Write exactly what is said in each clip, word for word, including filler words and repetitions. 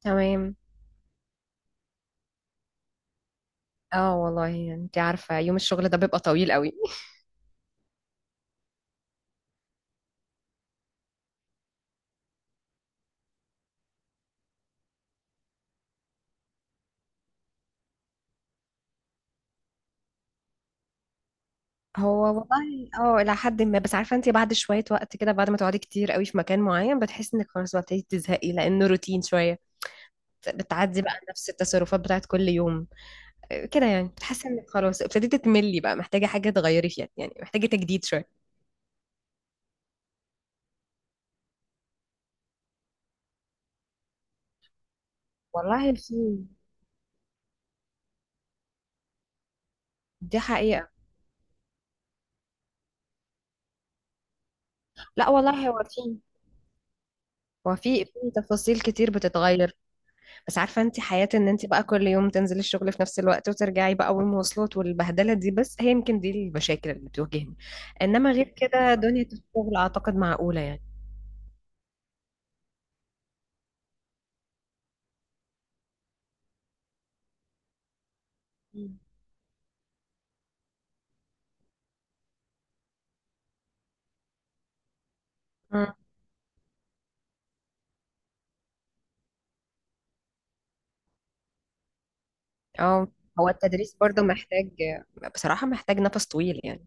تمام. اه، والله انت عارفة، يوم الشغل ده بيبقى طويل قوي. هو والله اه الى حد ما، بس عارفة انت، بعد شوية وقت كده، بعد ما تقعدي كتير قوي في مكان معين بتحسي انك خلاص بتبتدي تزهقي لانه روتين شوية. بتعدي بقى نفس التصرفات بتاعت كل يوم. آه، كده يعني بتحسي انك خلاص ابتديتي تملي، بقى محتاجة حاجة تغيري فيها، يعني محتاجة تجديد شوية. والله في. دي حقيقة. لا والله هو في. هو في في تفاصيل كتير بتتغير. بس عارفة انت، حياة ان انت بقى كل يوم تنزلي الشغل في نفس الوقت وترجعي بقى، والمواصلات والبهدلة دي، بس هي يمكن دي المشاكل اللي بتواجهني. انما غير كده دنيا الشغل اعتقد معقولة يعني. مم. مم. اه، هو التدريس برضه محتاج. بصراحة محتاج نفس طويل يعني.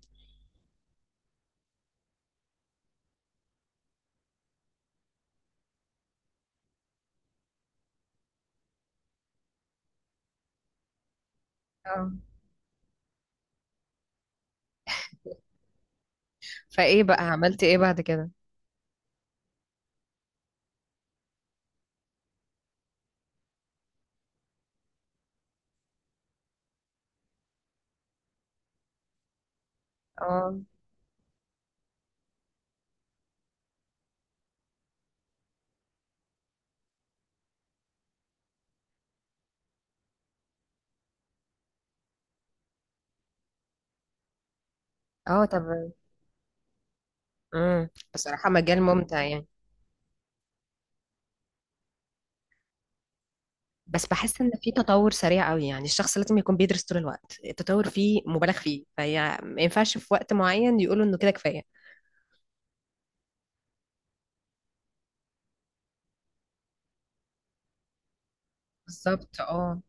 اه، فايه بقى عملتي ايه بعد كده؟ اه. اه، طب. امم. بصراحة مجال ممتع يعني. بس بحس ان في تطور سريع قوي، يعني الشخص لازم يكون بيدرس طول الوقت، التطور فيه مبالغ فيه، فهي ما ينفعش في وقت معين يقولوا انه كده كفاية. بالظبط اه.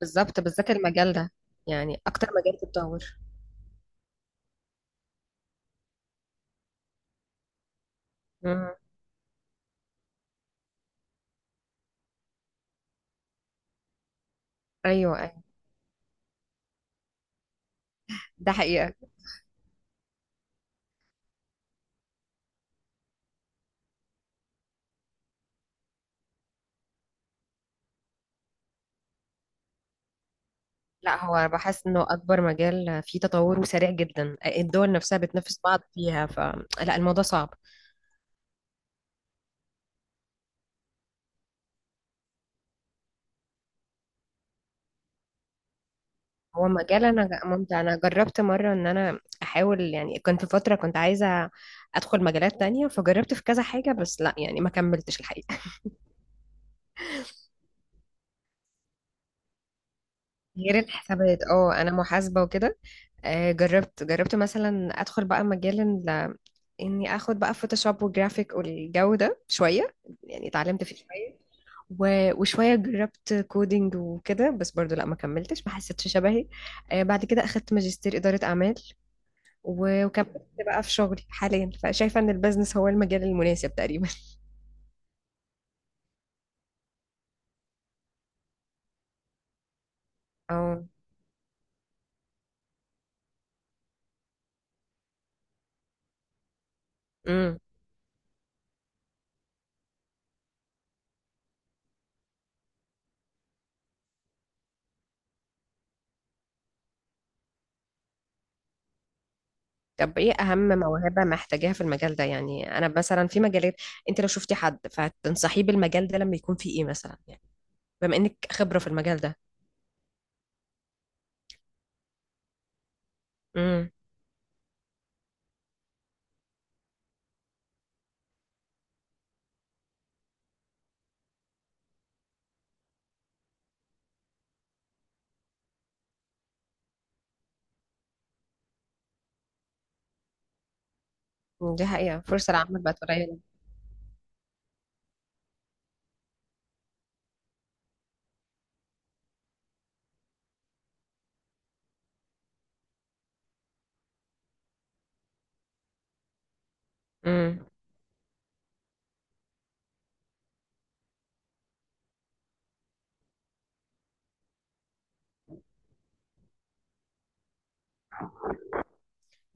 بالظبط بالذات المجال ده. يعني اكتر مجال تتطور. مم. ايوه ايوه. ده حقيقة. لا، هو أنا بحس انه اكبر مجال فيه تطور وسريع جدا، الدول نفسها بتنافس بعض فيها، فلا الموضوع صعب. هو مجال انا ج- ممتع، انا جربت مرة ان انا احاول يعني، كنت فترة كنت عايزة ادخل مجالات تانية، فجربت في كذا حاجة، بس لا يعني ما كملتش الحقيقة. غير الحسابات، اه انا محاسبة وكده. آه، جربت جربت مثلا ادخل بقى مجال، اني اخد بقى فوتوشوب وجرافيك والجو ده شويه، يعني اتعلمت فيه شويه. و- وشويه جربت كودينج وكده، بس برضو لا ما كملتش ما حسيتش شبهي. آه، بعد كده اخدت ماجستير اداره اعمال. و- وكملت بقى في شغلي حاليا، فشايفه ان البيزنس هو المجال المناسب تقريبا اه. امم. طب ايه اهم موهبه محتاجاها في المجال ده؟ يعني انا مثلا في مجالات، انت لو شفتي حد فتنصحيه بالمجال ده لما يكون فيه ايه مثلا؟ يعني بما انك خبره في المجال ده. امم. دي حقيقه، فرصه العمل بقت قليله. امم.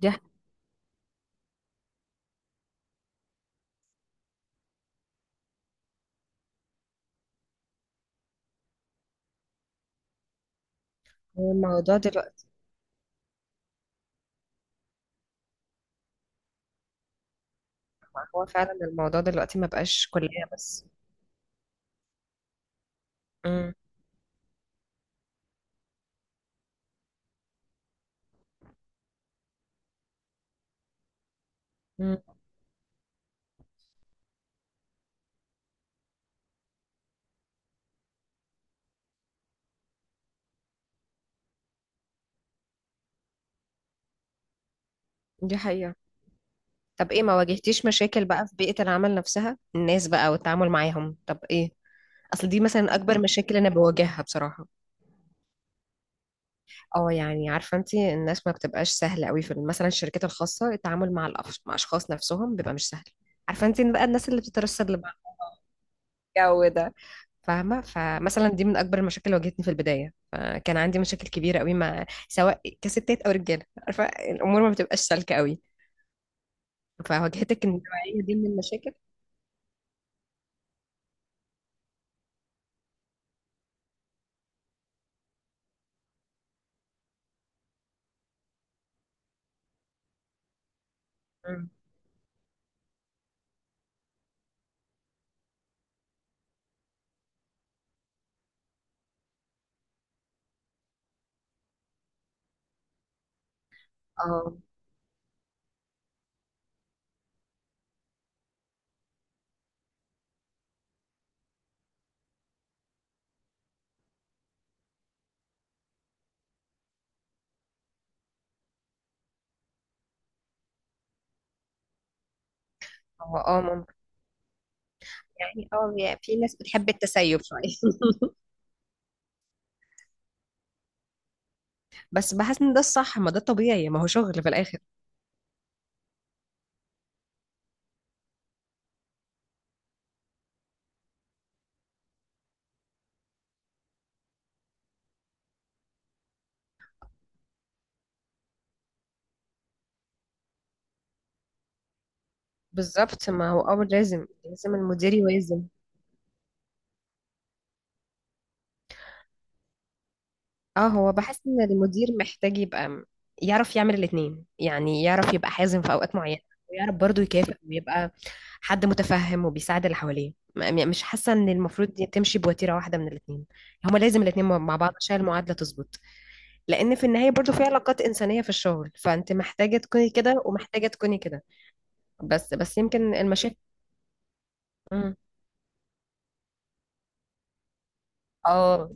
دي حقيقة. هو الموضوع دلوقتي. هو فعلا الموضوع دلوقتي ما بقاش كلية بس. امم. امم. دي حقيقة. طب ايه؟ ما واجهتيش مشاكل بقى في بيئة العمل نفسها، الناس بقى والتعامل معاهم؟ طب ايه؟ اصل دي مثلا اكبر مشاكل انا بواجهها بصراحة. اه، يعني عارفة انت، الناس ما بتبقاش سهلة قوي، في مثلا الشركات الخاصة التعامل مع الأخ- مع اشخاص نفسهم بيبقى مش سهل. عارفة انت بقى، الناس اللي بتترصد لبعض، الجو ده، فاهمة. فمثلا دي من أكبر المشاكل اللي واجهتني في البداية، فكان عندي مشاكل كبيرة قوي مع، سواء كستات أو رجالة، عارفة الأمور ما بتبقاش سالكة قوي. فواجهتك النوعية دي من المشاكل؟ مم. اه. هو اه ممكن. يعني اه يعني في ناس بتحب التسيب شوية. بس بحس ان ده الصح، ما ده طبيعي، ما هو شغل في الآخر. بالظبط، ما هو اه لازم لازم المدير يوازن. اه، هو بحس ان المدير محتاج يبقى م- يعرف يعمل الاتنين، يعني يعرف يبقى حازم في اوقات معينة، ويعرف برضه يكافئ ويبقى حد متفهم وبيساعد اللي حواليه. م- م- مش حاسة ان المفروض دي تمشي بوتيرة واحدة من الاتنين، هما لازم الاتنين مع مع بعض عشان المعادلة تظبط. لان في النهاية برضه في علاقات انسانية في الشغل، فانت محتاجة تكوني كده ومحتاجة تكوني كده. بس بس يمكن المشاكل. مم. اه.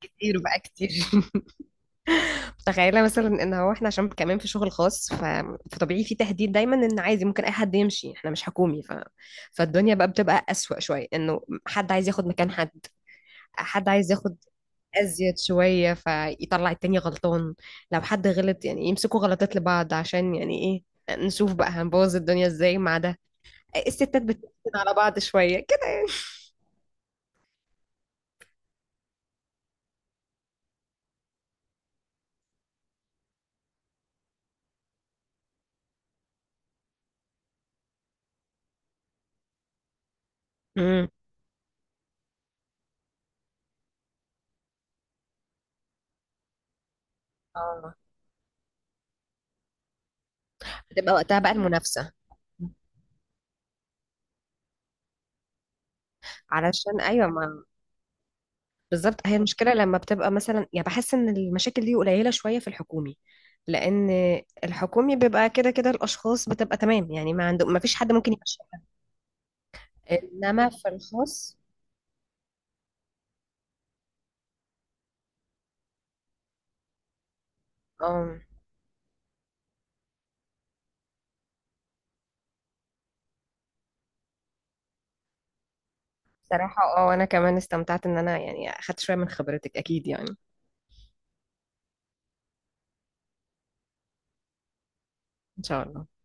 كتير بقى كتير تخيلي مثلا ان هو احنا عشان كمان في شغل خاص، ف... فطبيعي في تهديد دايما ان عادي ممكن اي حد يمشي، احنا مش حكومي، ف... فالدنيا بقى بتبقى اسوأ شويه، انه حد عايز ياخد مكان حد. حد عايز ياخد ازيد شويه، فيطلع التاني غلطان. لو حد غلط يعني، يمسكوا غلطات لبعض عشان يعني ايه، نشوف بقى هنبوظ الدنيا ازاي مع ده. الستات بتقفل على بعض شويه كده. امم. اه، بتبقى وقتها بقى المنافسه. علشان، ايوه. بالظبط، هي المشكلة لما بتبقى مثلا، يعني بحس ان المشاكل دي قليلة شوية في الحكومي، لان الحكومي بيبقى كده كده، الاشخاص بتبقى تمام يعني، ما عنده ما فيش حد ممكن يمشيها. انما في الخاص. اه. بصراحة، اه انا كمان استمتعت ان انا يعني اخدت شوية من خبرتك، اكيد يعني. ان شاء الله.